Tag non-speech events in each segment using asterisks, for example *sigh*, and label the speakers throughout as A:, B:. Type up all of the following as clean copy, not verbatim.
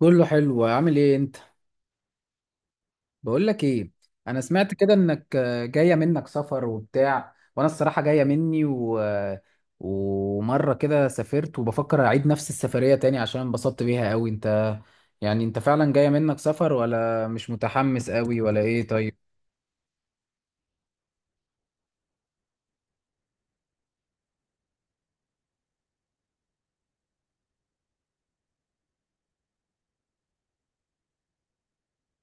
A: كله حلو، عامل ايه انت؟ بقول لك ايه، انا سمعت كده انك جايه منك سفر وبتاع، وانا الصراحه جايه مني و... آه، ومره كده سافرت وبفكر اعيد نفس السفريه تاني عشان انبسطت بيها قوي. انت يعني انت فعلا جايه منك سفر ولا مش متحمس قوي ولا ايه؟ طيب.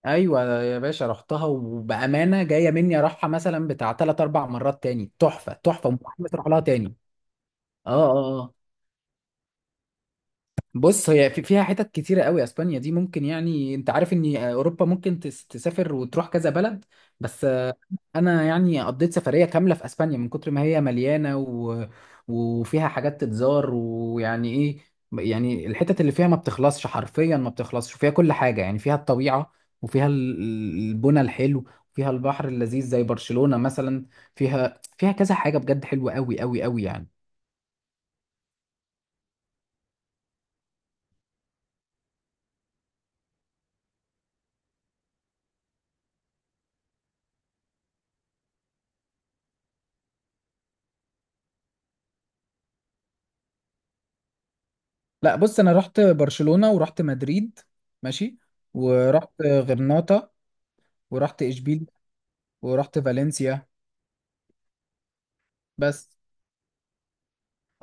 A: ايوه يا باشا، رحتها وبامانه جايه مني اروحها مثلا بتاع 3 4 مرات تاني، تحفه تحفه ومتحمس اروح لها تاني. اه. بص، هي فيها حتت كتيرة قوي، اسبانيا دي ممكن، يعني انت عارف ان اوروبا ممكن تسافر وتروح كذا بلد، بس انا يعني قضيت سفرية كاملة في اسبانيا من كتر ما هي مليانة وفيها حاجات تتزار، ويعني ايه، يعني الحتت اللي فيها ما بتخلصش، حرفيا ما بتخلصش، وفيها كل حاجة، يعني فيها الطبيعة وفيها البنى الحلو، فيها البحر اللذيذ زي برشلونة مثلا، فيها كذا حاجة بجد حلوة قوي قوي قوي يعني. لا بص، انا رحت برشلونة ورحت مدريد. ماشي. ورحت غرناطة ورحت اشبيل ورحت فالنسيا بس.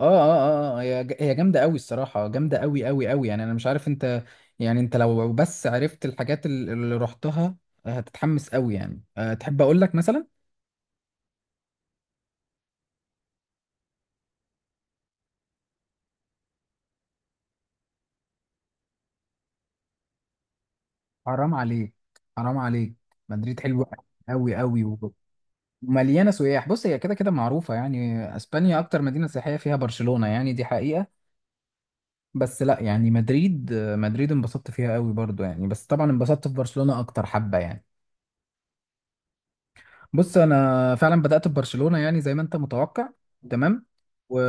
A: اه، هي جامدة قوي الصراحة، جامدة قوي قوي قوي يعني. انا مش عارف انت، يعني انت لو بس عرفت الحاجات اللي رحتها هتتحمس قوي يعني. أه تحب اقول لك مثلا؟ حرام عليك، حرام عليك، مدريد حلوة قوي قوي، ومليانة سياح. بص هي كده كده معروفة، يعني اسبانيا اكتر مدينة سياحية فيها برشلونة، يعني دي حقيقة. بس لا يعني مدريد، مدريد انبسطت فيها قوي برضو يعني، بس طبعا انبسطت في برشلونة اكتر حبة يعني. بص انا فعلا بدأت ببرشلونة يعني زي ما انت متوقع. تمام. و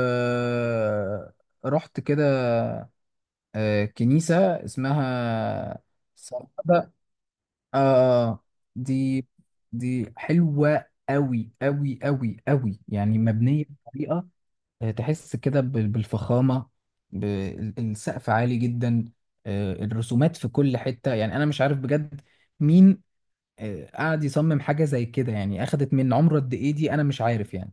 A: رحت كده كنيسة اسمها سانتا، آه آه، دي، دي حلوة قوي قوي قوي قوي يعني، مبنية بطريقة، تحس كده بالفخامة، السقف عالي جدا، الرسومات في كل حتة، يعني أنا مش عارف بجد مين قعد يصمم حاجة زي كده، يعني أخدت من عمره قد إيه دي، أنا مش عارف يعني.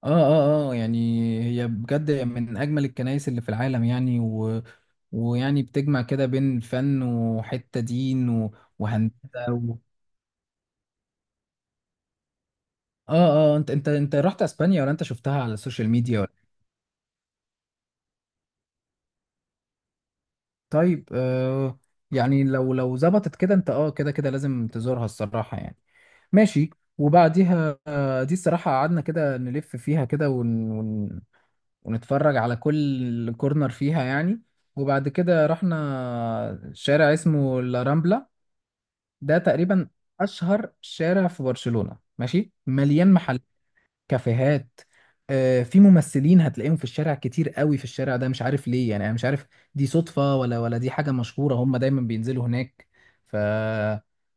A: يعني هي بجد من أجمل الكنائس اللي في العالم يعني، ويعني بتجمع كده بين فن وحتة دين وهندسة و... آه آه أنت رحت أسبانيا ولا أنت شفتها على السوشيال ميديا؟ طيب. يعني لو ظبطت كده انت، اه كده كده لازم تزورها الصراحة يعني. ماشي. وبعديها دي الصراحة قعدنا كده نلف فيها كده ونتفرج على كل كورنر فيها يعني. وبعد كده رحنا شارع اسمه لا رامبلا، ده تقريبا أشهر شارع في برشلونة. ماشي. مليان محلات، كافيهات، في ممثلين هتلاقيهم في الشارع كتير قوي في الشارع ده، مش عارف ليه يعني، انا مش عارف دي صدفة ولا دي حاجة مشهورة هم دايما بينزلوا هناك. ف...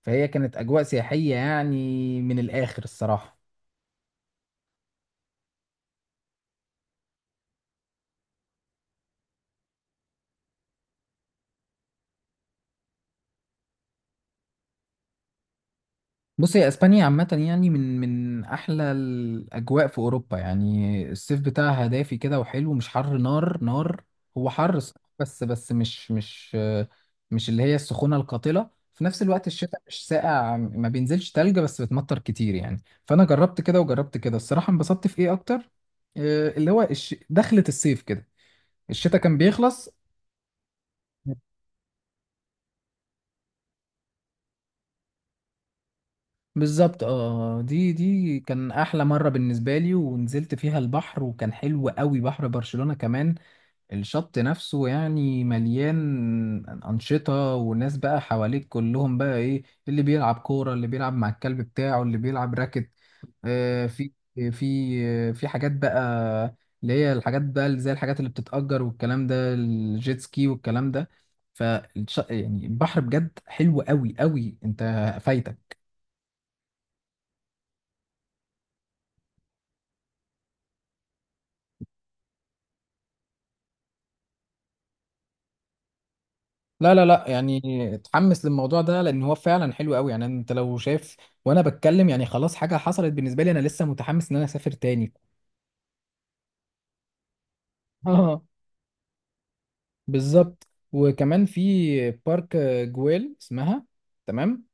A: فهي كانت أجواء سياحية يعني من الآخر الصراحة. بص هي اسبانيا عامة يعني من احلى الاجواء في اوروبا يعني، الصيف بتاعها دافي كده وحلو، مش حر نار نار، هو حر صح بس مش اللي هي السخونة القاتلة. في نفس الوقت الشتاء مش ساقع، ما بينزلش تلج، بس بتمطر كتير يعني. فانا جربت كده وجربت كده الصراحة، انبسطت في ايه اكتر، اللي هو دخلة الصيف كده، الشتاء كان بيخلص. بالظبط. اه. دي، دي كان احلى مره بالنسبه لي، ونزلت فيها البحر وكان حلو قوي، بحر برشلونه كمان الشط نفسه يعني مليان انشطه، وناس بقى حواليك كلهم بقى، ايه اللي بيلعب كوره، اللي بيلعب مع الكلب بتاعه، اللي بيلعب راكت، في في حاجات بقى، اللي هي الحاجات بقى اللي زي الحاجات اللي بتتأجر والكلام ده، الجيت سكي والكلام ده، فالش. يعني البحر بجد حلو قوي قوي. انت فايتك. لا لا لا يعني، اتحمس للموضوع ده لان هو فعلا حلو قوي يعني. انت لو شايف وانا بتكلم يعني خلاص حاجه حصلت بالنسبه لي، انا لسه متحمس ان انا اسافر تاني. اه بالظبط. وكمان في بارك جويل اسمها. تمام.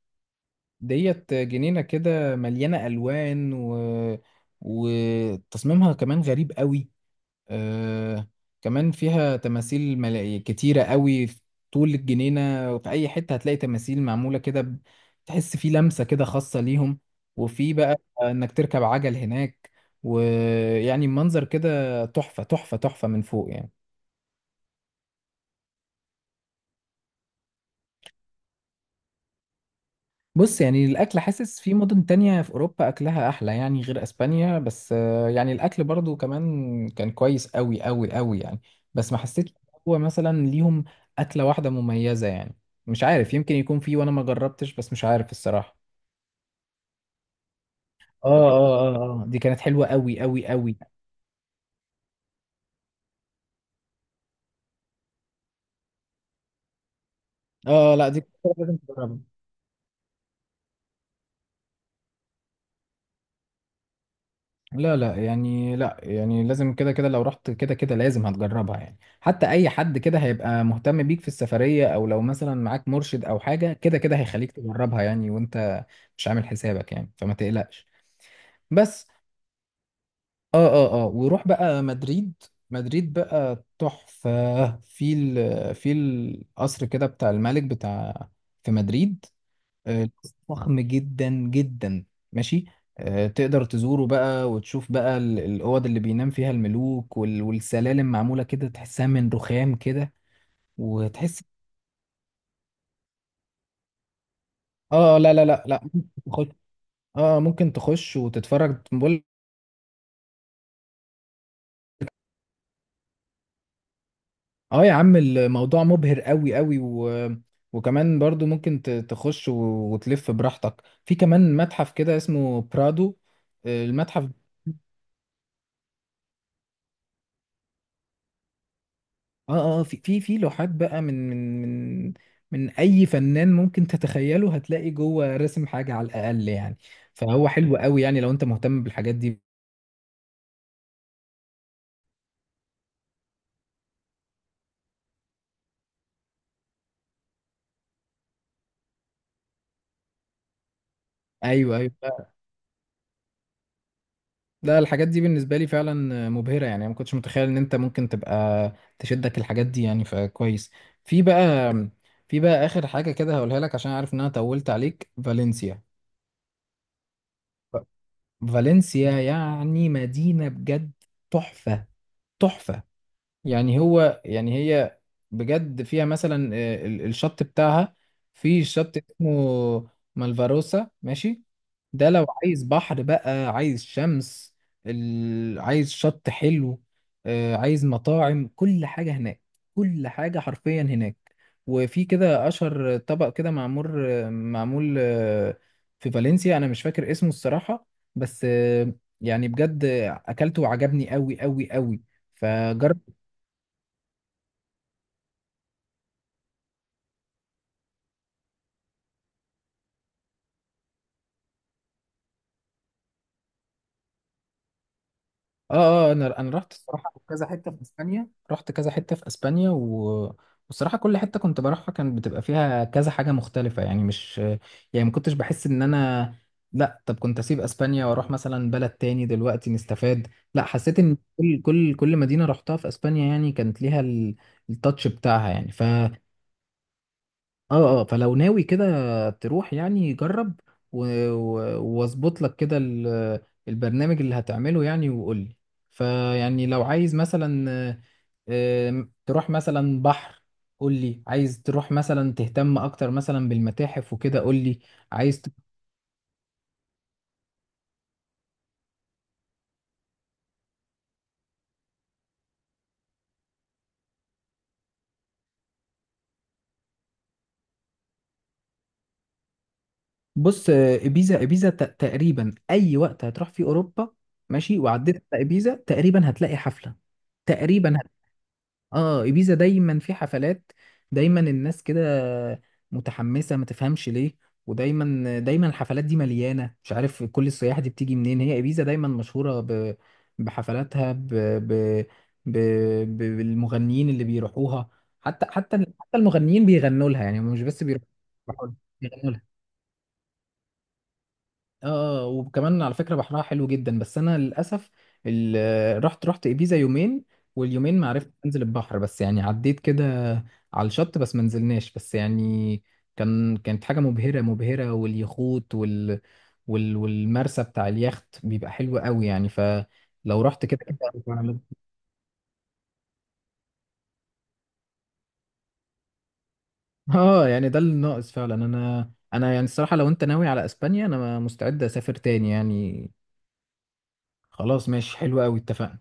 A: ديت جنينه كده مليانه الوان وتصميمها كمان غريب قوي آه كمان فيها تماثيل، ملاهي كتيرة قوي في طول الجنينة، وفي أي حتة هتلاقي تماثيل معمولة كده تحس في لمسة كده خاصة ليهم. وفي بقى إنك تركب عجل هناك ويعني منظر كده تحفة تحفة تحفة من فوق يعني. بص يعني الأكل، حاسس في مدن تانية في أوروبا أكلها أحلى يعني غير أسبانيا، بس يعني الأكل برضو كمان كان كويس أوي أوي أوي يعني. بس ما حسيتش هو مثلا ليهم أكلة واحدة مميزة يعني، مش عارف، يمكن يكون في وأنا ما جربتش، بس مش عارف الصراحة. اه، دي كانت حلوة أوي أوي أوي. اه، لا دي كنت لازم تجربها. لا لا يعني، لا يعني لازم كده كده، لو رحت كده كده لازم هتجربها يعني، حتى اي حد كده هيبقى مهتم بيك في السفرية، او لو مثلا معاك مرشد او حاجة، كده كده هيخليك تجربها يعني، وانت مش عامل حسابك يعني، فما تقلقش. بس. اه، وروح بقى مدريد. مدريد بقى تحفة، في ال، في القصر كده بتاع الملك بتاع في مدريد، آه، فخم جدا جدا. ماشي. تقدر تزوره بقى وتشوف بقى الأوض اللي بينام فيها الملوك والسلالم معمولة كده، تحسها من رخام كده، وتحس. اه، لا لا لا لا ممكن تخش. اه ممكن تخش وتتفرج بقول. اه يا عم الموضوع مبهر قوي قوي، وكمان برضو ممكن تخش وتلف براحتك في كمان متحف كده اسمه برادو، المتحف. اه في في لوحات بقى من من اي فنان ممكن تتخيله، هتلاقي جوه رسم حاجه على الاقل يعني، فهو حلو قوي يعني لو انت مهتم بالحاجات دي. ايوه ايوه. لا لا، الحاجات دي بالنسبه لي فعلا مبهره يعني، ما كنتش متخيل ان انت ممكن تبقى تشدك الحاجات دي يعني، فكويس. في بقى، في بقى اخر حاجه كده هقولها لك عشان عارف ان انا طولت عليك، فالنسيا. ف- فالنسيا يعني مدينه بجد تحفه تحفه، يعني هو يعني هي بجد فيها مثلا الشط بتاعها، في شط اسمه مالفاروسا. ماشي. ده لو عايز بحر بقى، عايز شمس، عايز شط حلو، عايز مطاعم، كل حاجة هناك، كل حاجة حرفيا هناك. وفي كده أشهر طبق كده معمول، معمول في فالنسيا، أنا مش فاكر اسمه الصراحة، بس يعني بجد أكلته وعجبني أوي أوي أوي، فجرب. اه اه. انا رحت الصراحه كذا حته في اسبانيا، رحت كذا حته في اسبانيا والصراحه كل حته كنت بروحها كان بتبقى فيها كذا حاجه مختلفه يعني، مش يعني ما كنتش بحس ان انا، لا طب كنت اسيب اسبانيا واروح مثلا بلد تاني دلوقتي نستفاد. لا حسيت ان كل مدينه رحتها في اسبانيا يعني كانت ليها التاتش بتاعها يعني. اه اه. فلو ناوي كده تروح، يعني جرب واظبط لك كده البرنامج اللي هتعمله يعني، وقول لي. فيعني لو عايز مثلا آه، آم، تروح مثلا بحر، قول لي. عايز تروح مثلا تهتم اكتر مثلا بالمتاحف وكده، قول لي. عايز بص ابيزا، تقريبا اي وقت هتروح في اوروبا. ماشي. وعديت على ابيزا تقريبا هتلاقي حفلة، تقريبا. اه، ايبيزا دايما في حفلات، دايما الناس كده متحمسه، ما تفهمش ليه، ودايما دايما الحفلات دي مليانه، مش عارف كل السياح دي بتيجي منين، هي ايبيزا دايما مشهوره بحفلاتها، ب... بالمغنيين اللي بيروحوها، حتى المغنيين بيغنوا لها يعني، مش بس بيروحوا، بيروحوا لها، بيغنوا لها. اه وكمان على فكرة بحرها حلو جدا، بس انا للاسف رحت ابيزا يومين، واليومين ما عرفتش انزل البحر، بس يعني عديت كده على الشط بس، ما نزلناش بس يعني، كان، كانت حاجة مبهرة مبهرة، واليخوت والمرسى بتاع اليخت بيبقى حلو قوي يعني، فلو رحت كده كده *laughs* اه يعني ده اللي ناقص فعلا. انا يعني الصراحة لو انت ناوي على اسبانيا انا مستعد اسافر تاني يعني. خلاص ماشي، حلو قوي، اتفقنا.